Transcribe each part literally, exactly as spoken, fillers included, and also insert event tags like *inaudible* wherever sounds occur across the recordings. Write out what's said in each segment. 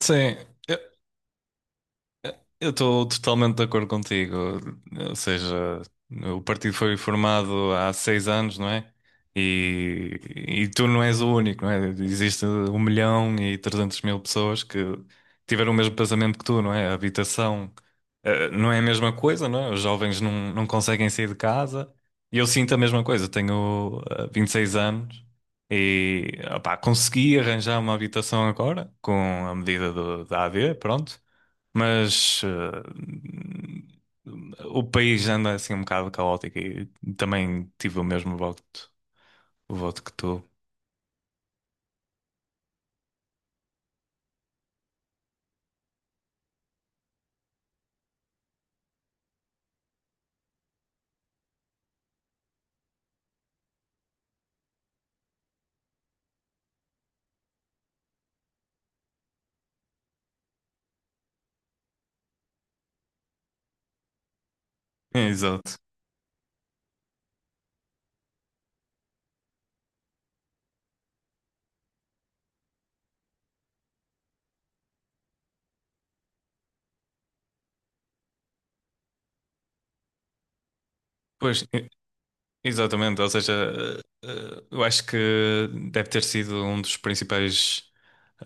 Sim. Eu estou totalmente de acordo contigo. Ou seja, o partido foi formado há seis anos, não é? E, e tu não és o único, não é? Existe um milhão e trezentos mil pessoas que tiveram o mesmo pensamento que tu, não é? A habitação, eh, não é a mesma coisa, não é? Os jovens não, não conseguem sair de casa. E eu sinto a mesma coisa. Tenho, eh, vinte e seis anos e, opá, consegui arranjar uma habitação agora com a medida do, da A D, pronto. Mas eh, o país anda assim um bocado caótico e também tive o mesmo voto, o voto que tu. Exato. Pois, e- Exatamente. Ou seja, eh, eh, eu acho que deve ter sido um dos principais.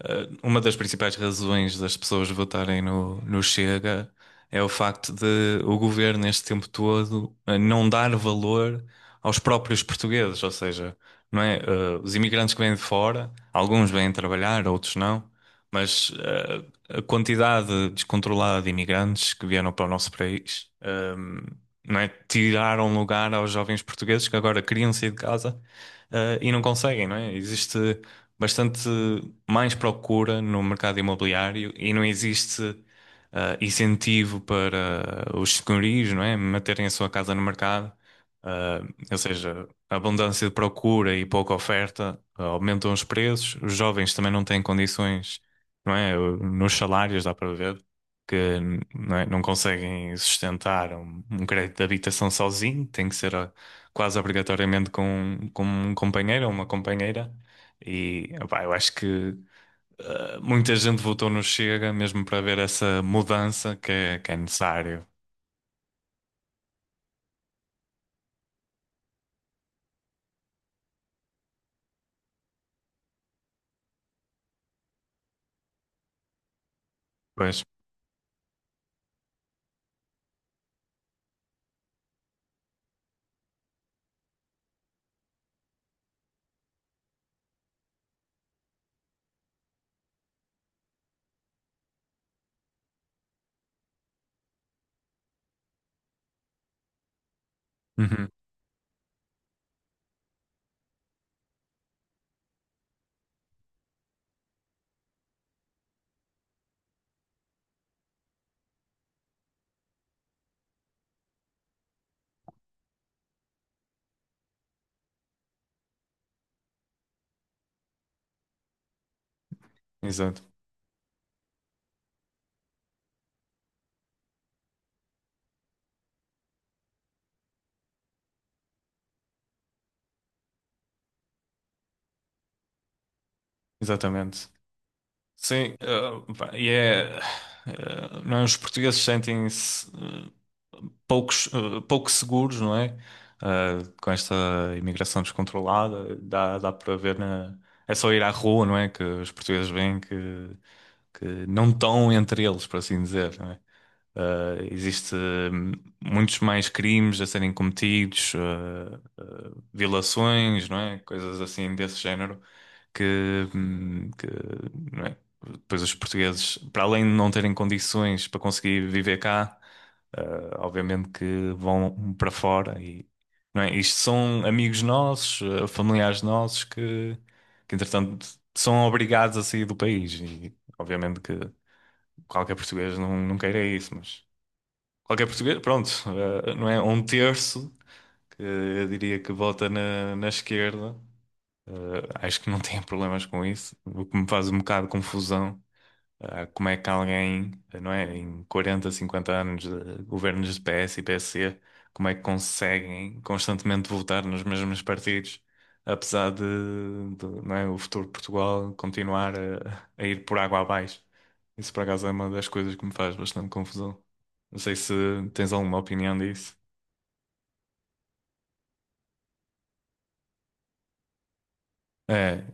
Eh, Uma das principais razões das pessoas votarem no, no Chega é o facto de o governo, neste tempo todo, eh, não dar valor aos próprios portugueses, ou seja, não é? Eh, os imigrantes que vêm de fora, alguns vêm trabalhar, outros não, mas eh, a quantidade descontrolada de imigrantes que vieram para o nosso país, ehm, não é? Tiraram lugar aos jovens portugueses que agora queriam sair de casa, eh, e não conseguem, não é? Existe bastante mais procura no mercado imobiliário e não existe ah, incentivo para os senhorios, não é? Manterem a sua casa no mercado. Ah, ou seja, a abundância de procura e pouca oferta ah, aumentam os preços. Os jovens também não têm condições, não é? Nos salários dá para ver que não é? Não conseguem sustentar um, um crédito de habitação sozinho, tem que ser ah, quase obrigatoriamente com, com um companheiro ou uma companheira. E opá, eu acho que eh, muita gente votou no Chega mesmo para ver essa mudança que é, que é necessário. Pois. Uhum. Exato. Exatamente. Sim, eh, pá, e é. Eh, não é? Os portugueses sentem-se, eh, poucos, eh, pouco seguros, não é? Eh, com esta imigração descontrolada, dá, dá para ver na. É só ir à rua, não é? Que os portugueses veem que, que não estão entre eles, por assim dizer, não é? Uh, existe hum, muitos mais crimes a serem cometidos, uh, uh, violações, não é? Coisas assim desse género que, hum, que, não é? Depois os portugueses, para além de não terem condições para conseguir viver cá, uh, obviamente que vão para fora e não é? Isto são amigos nossos, uh, familiares nossos que, que entretanto são obrigados a sair do país e obviamente que qualquer português não, não queira isso, mas qualquer português, pronto, eh, não é? Um terço que eu diria que vota na, na esquerda. Acho que não tem *laughs* problemas com isso, o que me faz um bocado de confusão. Ah, Como é que alguém, não é? Em quarenta, cinquenta anos de governos de P S e P S C, como é que conseguem constantemente votar nos mesmos partidos, apesar de, de, não é? O futuro de Portugal continuar a, a ir por água abaixo. Isso, por acaso, é uma das coisas que me faz bastante confusão. Não sei se tens alguma opinião disso. É,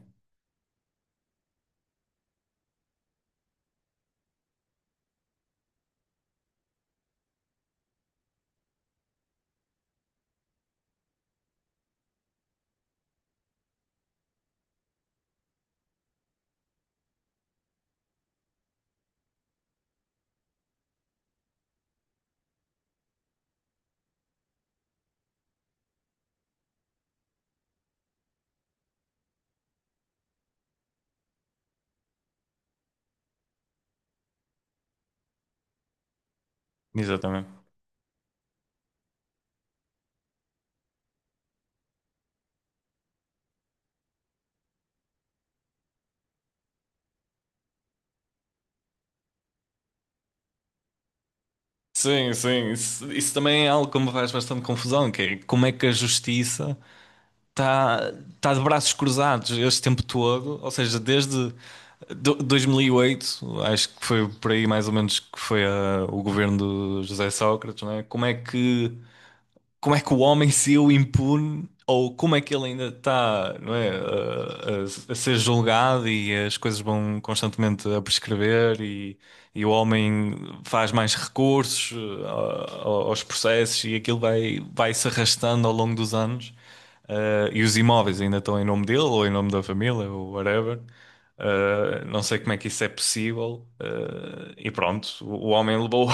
exatamente. Sim, sim, isso, isso também é algo que me faz bastante confusão, que é como é que a justiça está tá tá de braços cruzados este tempo todo, ou seja, desde do- dois mil e oito acho que foi por aí mais ou menos que foi a- o governo do José Sócrates, não é? Como é que como é que o homem saiu impune ou como é que ele ainda está, não é, a, a- a ser julgado e as coisas vão constantemente a prescrever e, e o homem faz mais recursos, eh, ao- aos processos e aquilo vai, vai se arrastando ao longo dos anos. Eh, e os imóveis ainda estão em nome dele ou em nome da família ou whatever. Eh, não sei como é que isso é possível. Eh, e pronto, o, o homem levou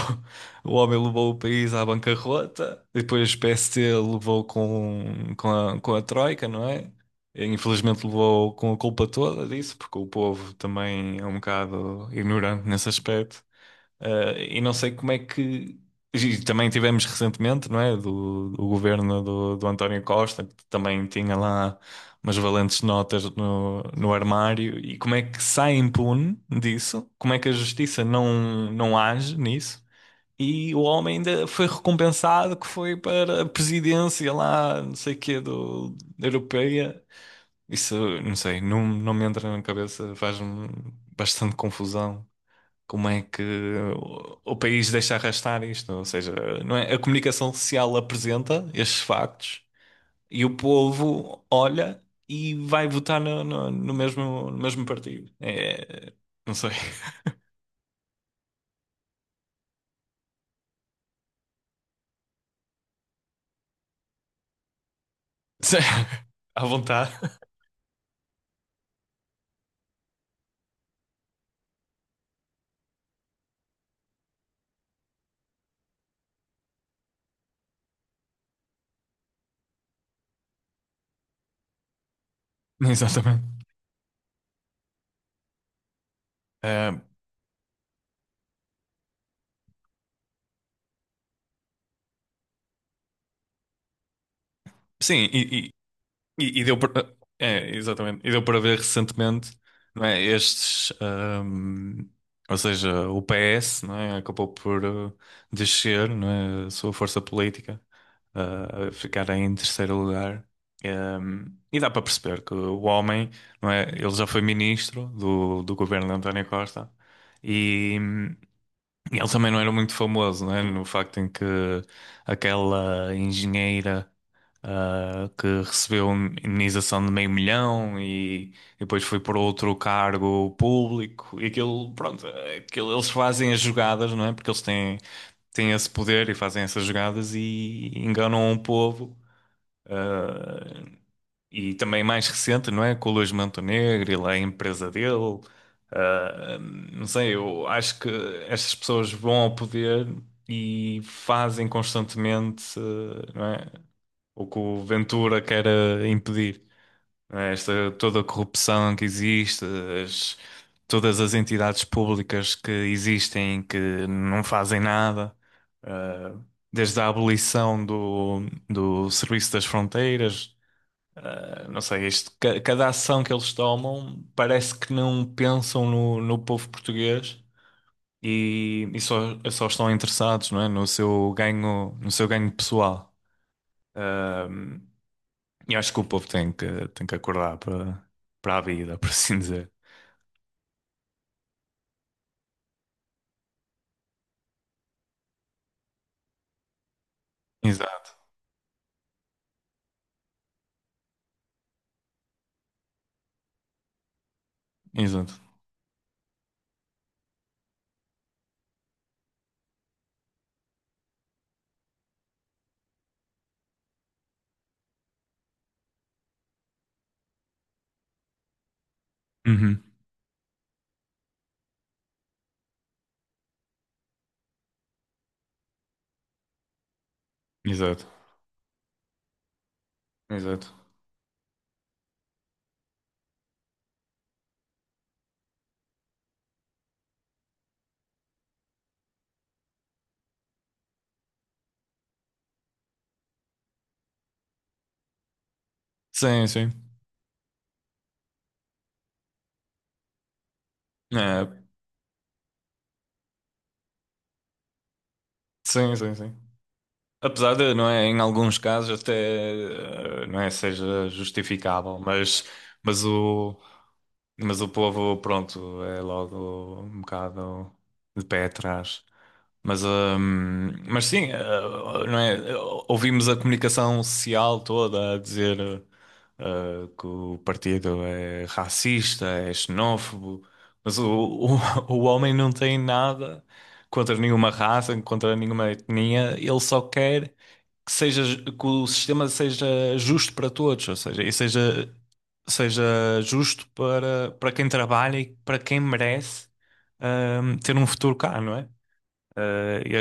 o homem levou o país à bancarrota, depois o P S T levou com, com a, com a Troika, não é? E, Infelizmente levou com a culpa toda disso, porque o povo também é um bocado ignorante nesse aspecto. Eh, e não sei como é que. E também tivemos recentemente, não é? Do, do governo do, do António Costa, que também tinha lá umas valentes notas no, no armário. E como é que sai impune disso? Como é que a justiça não, não age nisso? E o homem ainda foi recompensado que foi para a presidência lá, não sei o quê, do, da Europeia. Isso, não sei, não, não me entra na cabeça, faz-me bastante confusão. Como é que o, o país deixa arrastar isto? Ou seja, não é? A comunicação social apresenta estes factos e o povo olha e vai votar no, no, no mesmo, no mesmo partido. É, não sei. *laughs* À vontade. Exatamente. Ah, Sim, e, e, e- e deu para, eh, é, exatamente, e deu para ver recentemente, não é? Estes, ahm, ou seja, o P S, não é? Acabou por eh, descer, não é? A sua força política, ah, a ficar em terceiro lugar. Ahm, e dá para perceber que o homem, não é? Ele já foi ministro do, do governo de António Costa e, e ele também não era muito famoso, não é? No facto em que aquela engenheira, ah, que recebeu indenização de meio milhão e depois foi por outro cargo público e aquilo, pronto, eh, aquilo, eles fazem as jogadas, não é? Porque eles têm, têm esse poder e fazem essas jogadas e enganam o povo. E também mais recente, não é? Com o Luís Montenegro e lá a empresa dele. Ah, não sei, eu acho que estas pessoas vão ao poder e fazem constantemente, eh, não é? O que o Ventura quer eh, impedir. Né? Esta, toda a corrupção que existe, as- todas as entidades públicas que existem que não fazem nada, eh, desde a abolição do, do Serviço das Fronteiras, eh, não sei, isto, ca- cada ação que eles tomam parece que não pensam no, no povo português e, e só, só estão interessados, não é, no seu ganho, no seu ganho pessoal. Ehm, eu acho que o povo tem que, tem que acordar para, para a vida, *laughs* por assim dizer. Exato, exato. Uhum. Exato, exato. Sim, sim. É, sim, sim, sim. Apesar de, não é, em alguns casos até, eh, não é, seja justificável, mas, mas o, mas o povo, pronto, é logo um bocado de pé atrás. Mas, hum, mas sim, eh, não é? Ouvimos a comunicação social toda a dizer, eh, que o partido é racista, é xenófobo, mas o, o, *laughs* o homem não tem nada contra nenhuma raça, contra nenhuma etnia, ele só quer que seja, que o sistema seja justo para todos, ou seja, e seja, seja justo para, para quem trabalha e para quem merece, hum, ter um futuro cá, não é? Eh, e,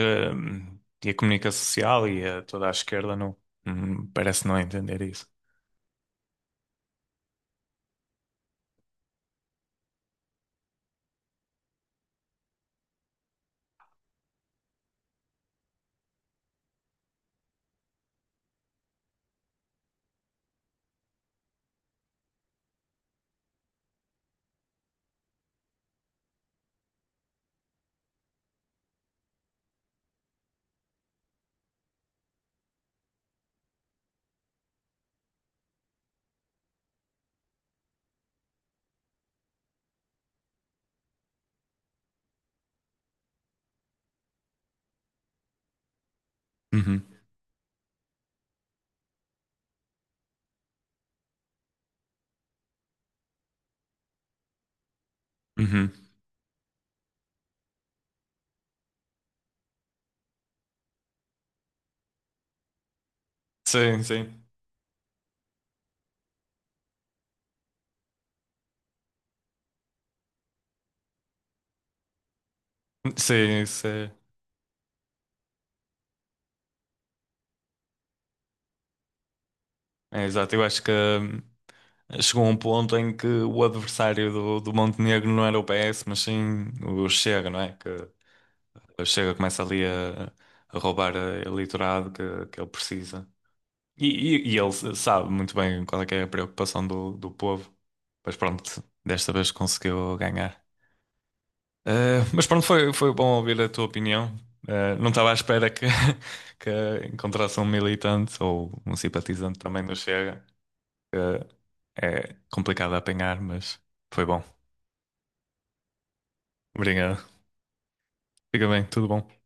a, e a comunicação social e a, toda a esquerda não, hum, parece não entender isso. Uhum, uhum. Sim, sim. Sim, sim. É, é exato. Eu acho que, hum, chegou um ponto em que o adversário do, do Montenegro não era o P S, mas sim o Chega, não é? Que o Chega começa ali a, a roubar a eleitorado que, que ele precisa. E, e, e ele sabe muito bem qual é que é a preocupação do, do povo. Mas pronto, desta vez conseguiu ganhar. Uh, mas pronto, foi, foi bom ouvir a tua opinião. Uh, não estava à espera que, *laughs* que encontrasse um militante ou um simpatizante também do Chega, que é complicado de apanhar, mas foi bom. Obrigado. Fica bem, tudo bom.